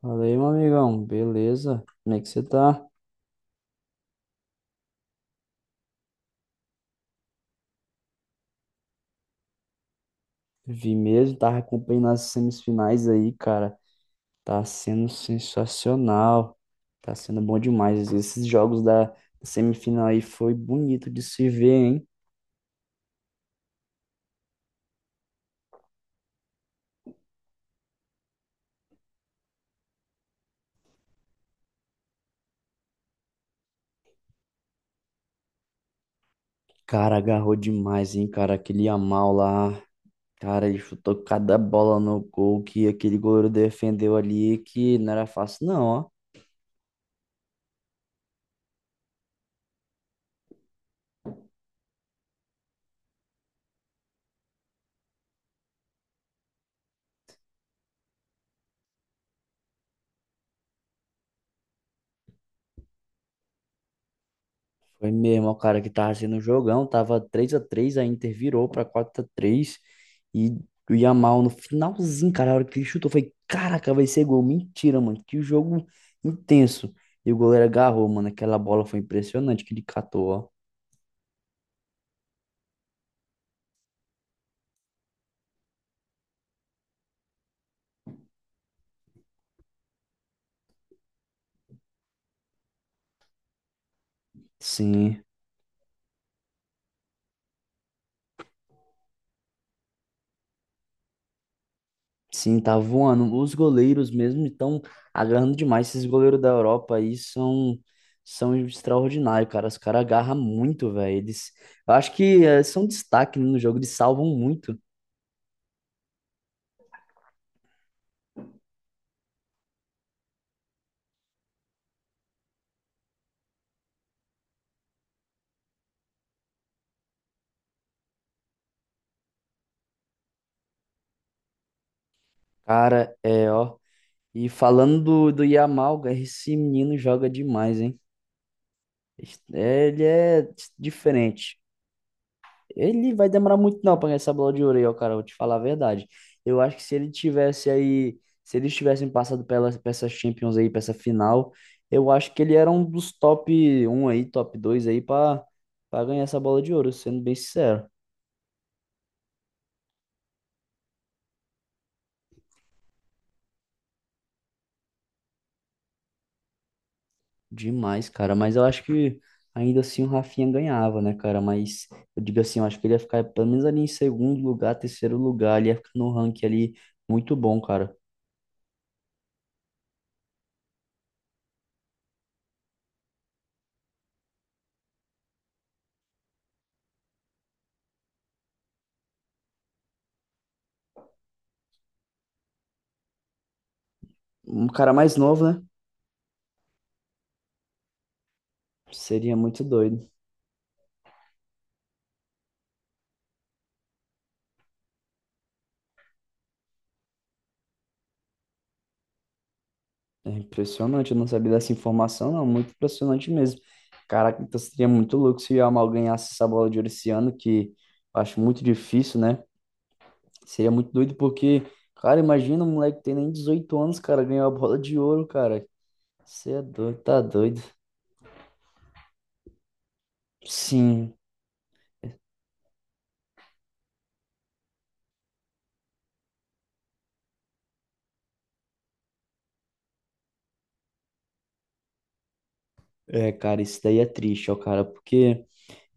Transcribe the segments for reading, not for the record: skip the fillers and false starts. Fala aí, meu amigão. Beleza? Como é que você tá? Vi mesmo, tava acompanhando as semifinais aí, cara. Tá sendo sensacional. Tá sendo bom demais. Esses jogos da semifinal aí foi bonito de se ver, hein? Cara, agarrou demais, hein, cara? Aquele Yamal lá. Cara, ele chutou cada bola no gol que aquele goleiro defendeu ali, que não era fácil, não, ó. Foi mesmo, o cara que tava sendo um jogão, tava três a três, a Inter virou pra quatro a três e o Yamal no finalzinho, cara, a hora que ele chutou, foi, caraca, vai ser gol, mentira, mano, que jogo intenso. E o goleiro agarrou, mano, aquela bola foi impressionante que ele catou, ó. Sim, sim, tá voando. Os goleiros mesmo estão agarrando demais, esses goleiros da Europa aí são extraordinários, cara, os caras agarram muito, velho, eles, eu acho que são destaque, né, no jogo, eles salvam muito. Cara, é, ó. E falando do Yamal, cara, esse menino joga demais, hein? É, ele é diferente. Ele vai demorar muito não pra ganhar essa bola de ouro aí, ó, cara. Vou te falar a verdade. Eu acho que se ele tivesse aí, se eles tivessem passado pra essa Champions aí, pra essa final, eu acho que ele era um dos top um aí, top 2 aí pra ganhar essa bola de ouro, sendo bem sincero. Demais, cara. Mas eu acho que ainda assim o Rafinha ganhava, né, cara? Mas eu digo assim, eu acho que ele ia ficar pelo menos ali em segundo lugar, terceiro lugar. Ele ia ficar no ranking ali muito bom, cara. Um cara mais novo, né? Seria muito doido. É impressionante. Eu não sabia dessa informação, não. Muito impressionante mesmo. Caraca, então seria muito louco se o Yamal ganhasse essa bola de ouro esse ano, que eu acho muito difícil, né? Seria muito doido porque, cara, imagina um moleque que tem nem 18 anos, cara, ganhou a bola de ouro, cara. Você é doido, tá doido. Sim, é, cara, isso daí é triste, ó, cara, porque.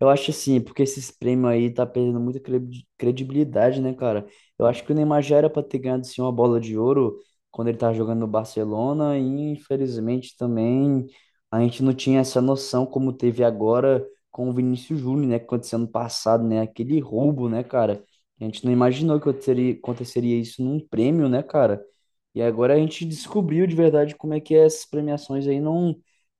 Eu acho assim, é porque esses prêmios aí tá perdendo muita credibilidade, né, cara? Eu acho que o Neymar já era pra ter ganhado sim uma bola de ouro quando ele tava jogando no Barcelona e infelizmente também a gente não tinha essa noção como teve agora com o Vinícius Júnior, né, que aconteceu ano passado, né, aquele roubo, né, cara? A gente não imaginou que aconteceria isso num prêmio, né, cara? E agora a gente descobriu de verdade como é que essas premiações aí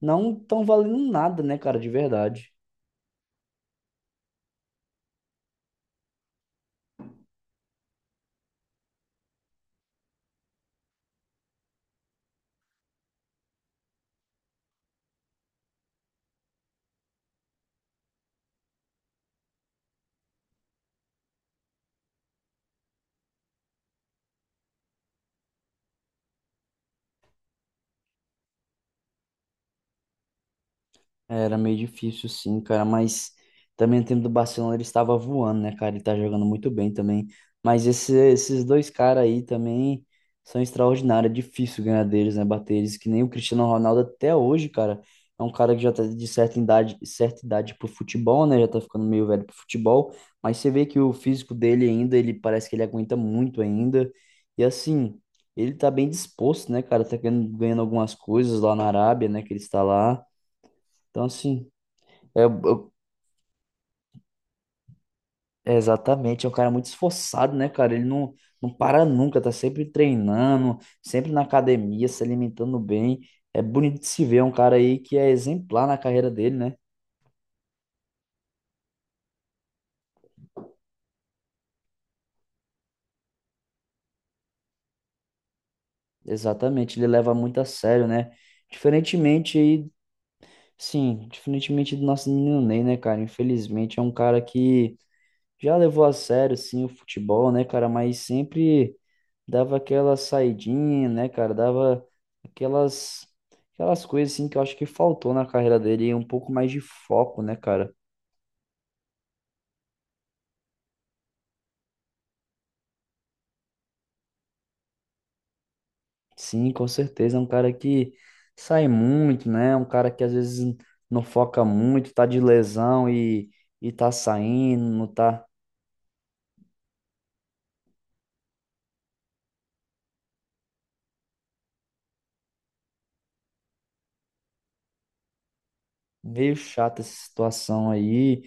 não estão valendo nada, né, cara, de verdade. Era meio difícil, sim, cara, mas também o time do Barcelona ele estava voando, né, cara? Ele tá jogando muito bem também. Mas esses dois caras aí também são extraordinários. É difícil ganhar deles, né? Bater eles, que nem o Cristiano Ronaldo até hoje, cara. É um cara que já tá de certa idade pro futebol, né? Já tá ficando meio velho pro futebol. Mas você vê que o físico dele ainda, ele parece que ele aguenta muito ainda. E assim, ele tá bem disposto, né, cara? Tá ganhando, ganhando algumas coisas lá na Arábia, né? Que ele está lá. Então, assim. É, é exatamente, é um cara muito esforçado, né, cara? Ele não, não para nunca, tá sempre treinando, sempre na academia, se alimentando bem. É bonito de se ver, é um cara aí que é exemplar na carreira dele, né? Exatamente, ele leva muito a sério, né? Diferentemente aí, sim, diferentemente do nosso menino Ney, né, cara? Infelizmente é um cara que já levou a sério, sim, o futebol, né, cara? Mas sempre. Dava aquela saidinha, né, cara? Dava aquelas aquelas coisas assim que eu acho que faltou na carreira dele, e um pouco mais de foco, né, cara? Sim, com certeza, é um cara que sai muito, né? É um cara que às vezes não foca muito, tá de lesão e tá saindo, não tá meio chata essa situação aí.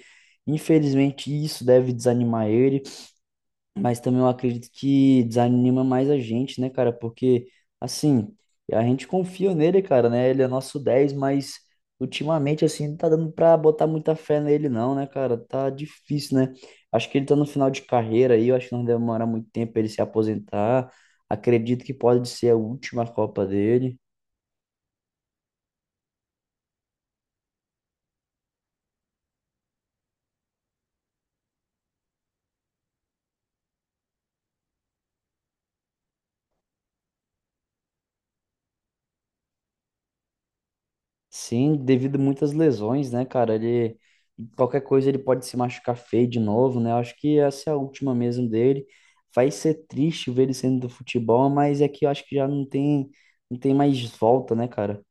Infelizmente, isso deve desanimar ele. Mas também eu acredito que desanima mais a gente, né, cara? Porque, assim, a gente confia nele, cara, né? Ele é nosso dez, mas ultimamente, assim, não tá dando pra botar muita fé nele, não, né, cara? Tá difícil, né? Acho que ele tá no final de carreira aí, eu acho que não vai demorar muito tempo pra ele se aposentar. Acredito que pode ser a última Copa dele. Sim, devido a muitas lesões, né, cara? Ele qualquer coisa ele pode se machucar feio de novo, né? Eu acho que essa é a última mesmo dele. Vai ser triste ver ele saindo do futebol, mas é que eu acho que já não tem não tem mais volta, né, cara?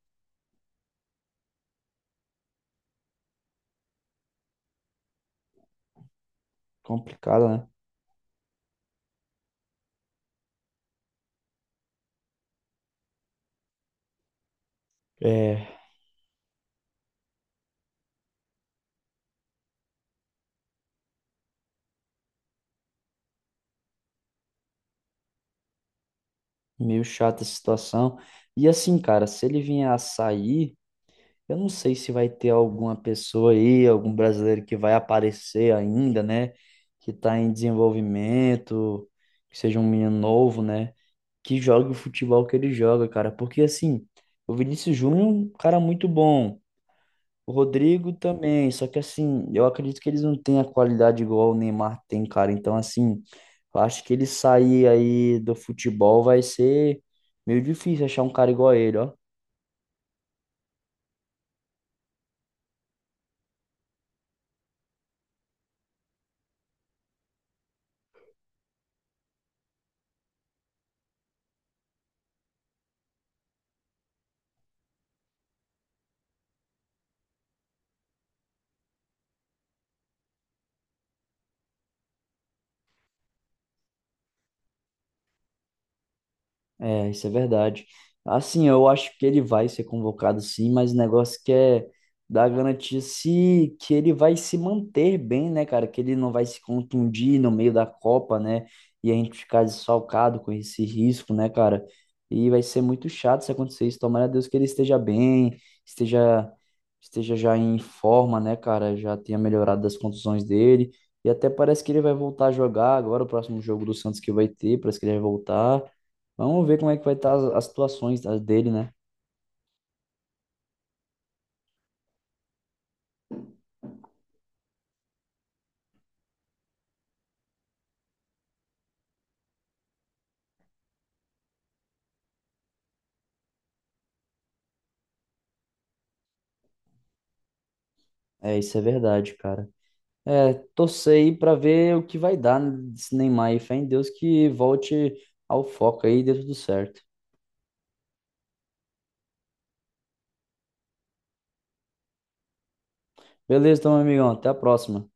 Complicado, né? É meio chata essa situação. E assim, cara, se ele vier a sair, eu não sei se vai ter alguma pessoa aí, algum brasileiro que vai aparecer ainda, né? Que tá em desenvolvimento, que seja um menino novo, né? Que jogue o futebol que ele joga, cara. Porque assim, o Vinícius Júnior é um cara muito bom. O Rodrigo também, só que assim, eu acredito que eles não têm a qualidade igual o Neymar tem, cara. Então, assim, eu acho que ele sair aí do futebol vai ser meio difícil achar um cara igual a ele, ó. É, isso é verdade. Assim, eu acho que ele vai ser convocado sim, mas o negócio que é dar garantia se que ele vai se manter bem, né, cara? Que ele não vai se contundir no meio da Copa, né? E a gente ficar desfalcado com esse risco, né, cara? E vai ser muito chato se acontecer isso. Tomara a Deus que ele esteja bem, esteja esteja já em forma, né, cara? Já tenha melhorado das contusões dele. E até parece que ele vai voltar a jogar agora, o próximo jogo do Santos que vai ter, parece que ele vai voltar. Vamos ver como é que vai estar as situações dele, né? É, isso é verdade, cara. É, torcer aí pra ver o que vai dar desse Neymar aí. Fé em Deus que volte ao foco aí e dê tudo certo. Beleza, então, meu amigão. Até a próxima.